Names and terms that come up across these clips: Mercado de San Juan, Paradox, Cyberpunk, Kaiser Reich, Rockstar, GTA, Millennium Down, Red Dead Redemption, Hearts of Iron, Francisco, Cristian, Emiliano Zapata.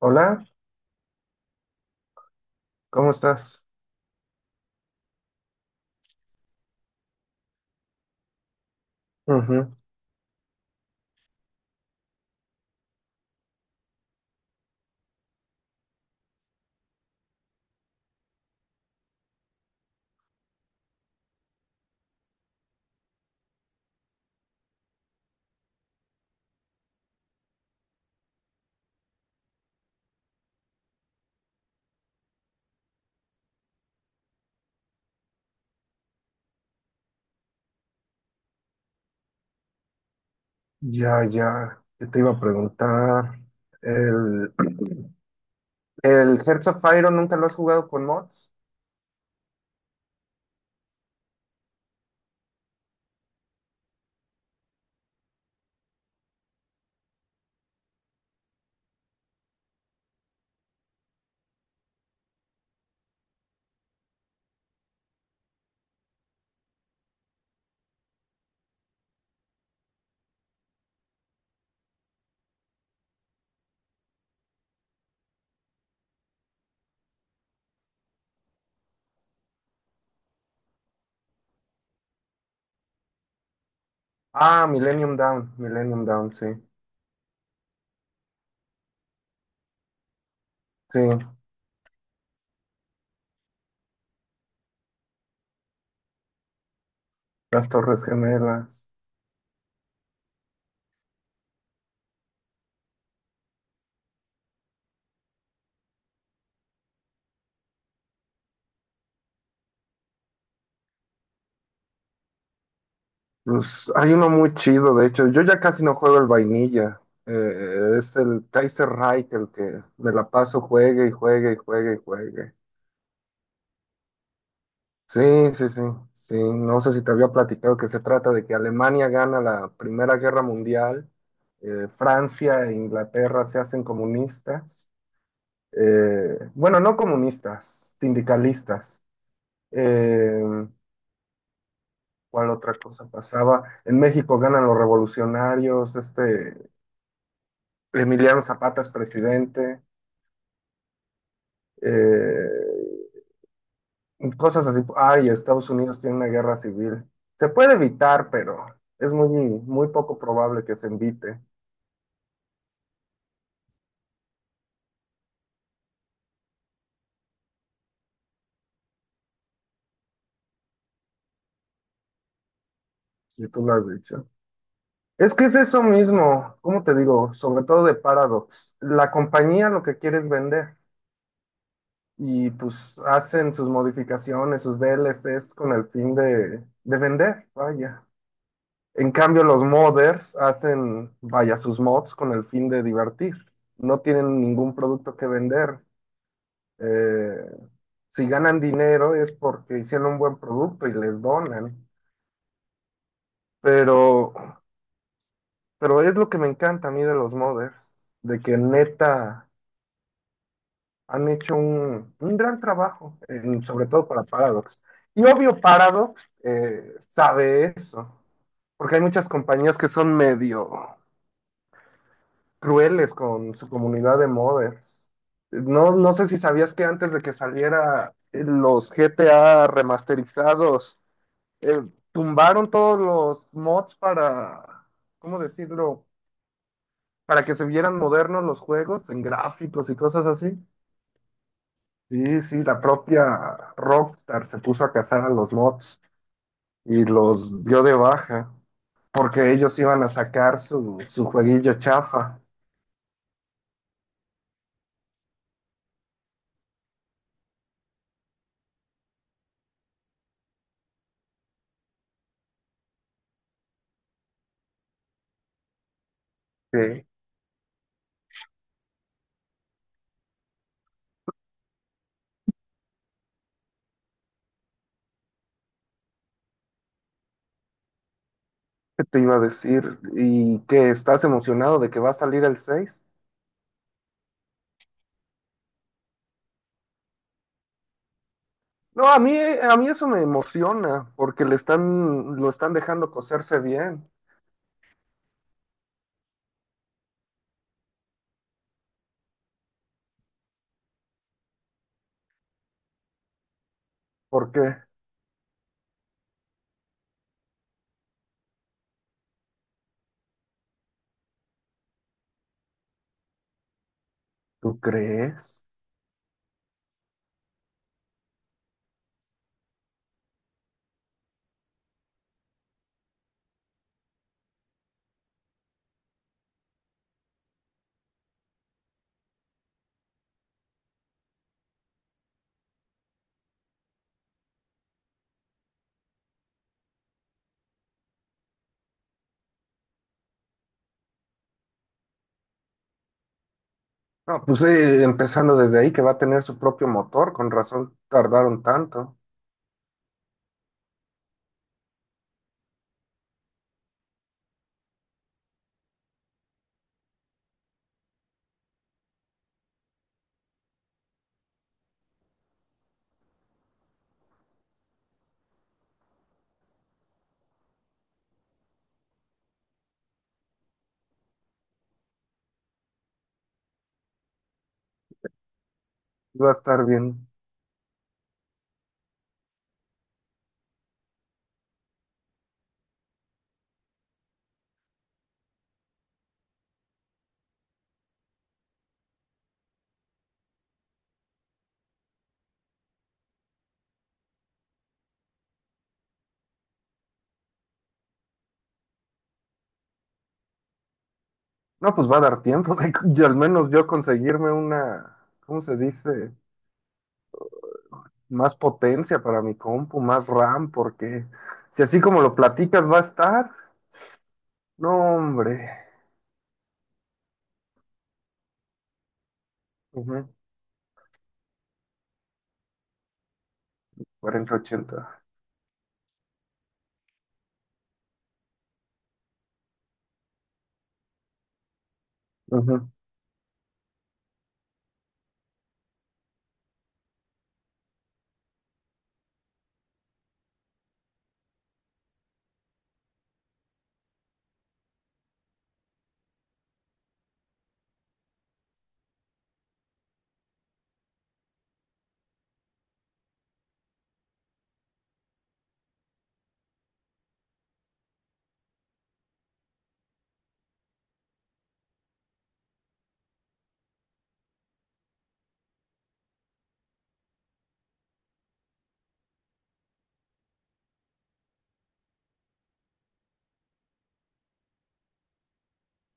Hola, ¿cómo estás? Ujú. Ya, ya, ¿qué te iba a preguntar? El, ¿el Hearts of Iron nunca lo has jugado con mods? Ah, Millennium Down, Millennium Down, sí. Sí, las Torres Gemelas. Pues hay uno muy chido, de hecho. Yo ya casi no juego el vainilla. Es el Kaiser Reich el que me la paso, juegue y juegue y juegue y juegue. Sí, sí, sí, sí. No sé si te había platicado que se trata de que Alemania gana la Primera Guerra Mundial, Francia e Inglaterra se hacen comunistas, bueno, no comunistas, sindicalistas. Eh, ¿Cuál otra cosa pasaba? En México ganan los revolucionarios, este, Emiliano Zapata es presidente. eh, Cosas así. Ay, Estados Unidos tiene una guerra civil. Se puede evitar, pero es muy, muy poco probable que se evite. Si tú lo has dicho. Es que es eso mismo, ¿cómo te digo? Sobre todo de Paradox. La compañía lo que quiere es vender y pues hacen sus modificaciones, sus DLCs con el fin de vender, vaya. En cambio, los modders hacen, vaya, sus mods con el fin de divertir. No tienen ningún producto que vender. Eh, si ganan dinero es porque hicieron un buen producto y les donan. Pero, pero es lo que me encanta a mí de los modders, de que neta han hecho un gran trabajo, sobre todo para Paradox. Y obvio, Paradox sabe eso, porque hay muchas compañías que son medio crueles con su comunidad de modders. No, no sé si sabías que antes de que saliera los GTA remasterizados, eh, tumbaron todos los mods para, ¿cómo decirlo? Para que se vieran modernos los juegos en gráficos y cosas así. Y sí, la propia Rockstar se puso a cazar a los mods y los dio de baja porque ellos iban a sacar su jueguillo chafa. Que ¿qué te iba a decir? ¿Y que estás emocionado de que va a salir el seis? No, a mí eso me emociona porque le están, lo están dejando coserse bien. ¿Por qué? ¿Tú crees? No, pues sí, empezando desde ahí que va a tener su propio motor, con razón tardaron tanto. Va a estar bien. No, pues va a dar tiempo de, y al menos yo conseguirme una, ¿cómo se dice? Más potencia para mi compu, más RAM, porque si así como lo platicas va a estar, no, hombre. Ujú, cuarenta ochenta. Ujú.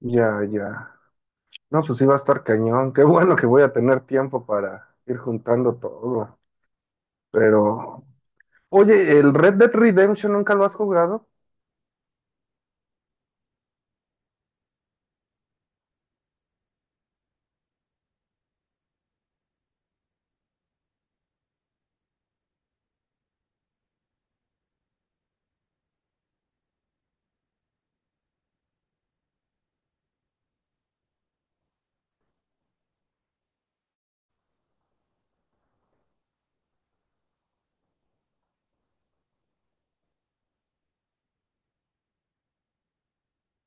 Ya, ya. No, pues sí va a estar cañón. Qué bueno que voy a tener tiempo para ir juntando todo. Pero oye, ¿el Red Dead Redemption nunca lo has jugado?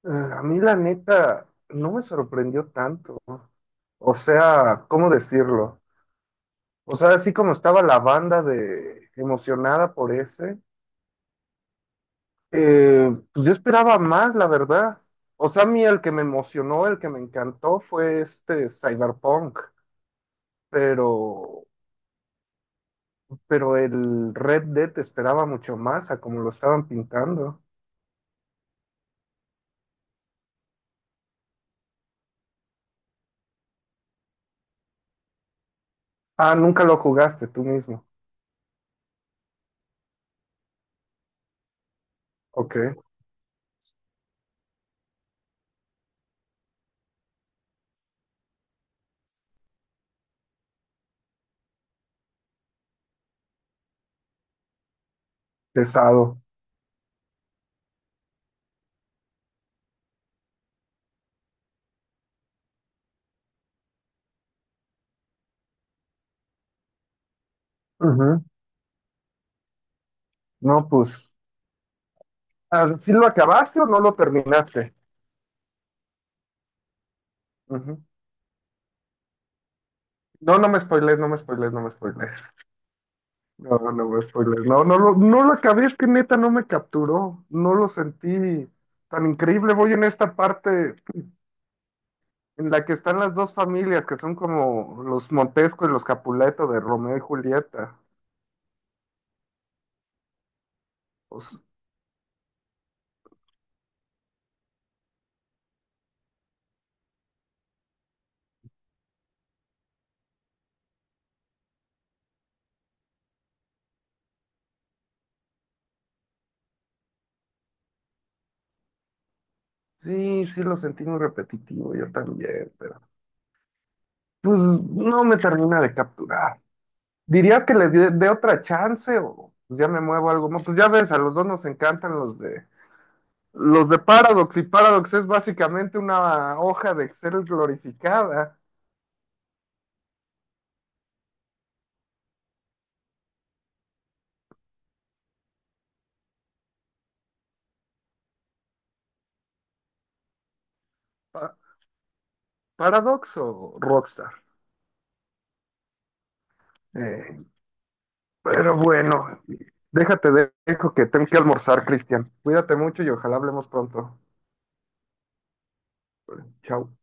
A mí la neta no me sorprendió tanto. O sea, ¿cómo decirlo? O sea, así como estaba la banda de emocionada por ese, pues yo esperaba más, la verdad. O sea, a mí el que me emocionó, el que me encantó fue este Cyberpunk, pero pero el Red Dead esperaba mucho más a como lo estaban pintando. Ah, nunca lo jugaste tú mismo. Ok, pesado. No, pues, ah, ¿sí lo acabaste o no lo terminaste? Ujú. No, no me spoilees, no me spoilees, no me spoilees. No, no me spoilees. No, no lo acabé, es que neta no me capturó. No lo sentí tan increíble. Voy en esta parte en la que están las dos familias, que son como los Montesco y los Capuleto de Romeo y Julieta. Pues, sí, sí lo sentí muy repetitivo, yo también, pero pues no me termina de capturar. ¿Dirías que le dé otra chance o pues ya me muevo a algo más? Pues ya ves, a los dos nos encantan los de Paradox y Paradox es básicamente una hoja de Excel glorificada. Pa- ¿Paradox o Rockstar? Eh, pero bueno, déjate, dejo que tengo que almorzar, Cristian. Cuídate mucho y ojalá hablemos pronto. Chao.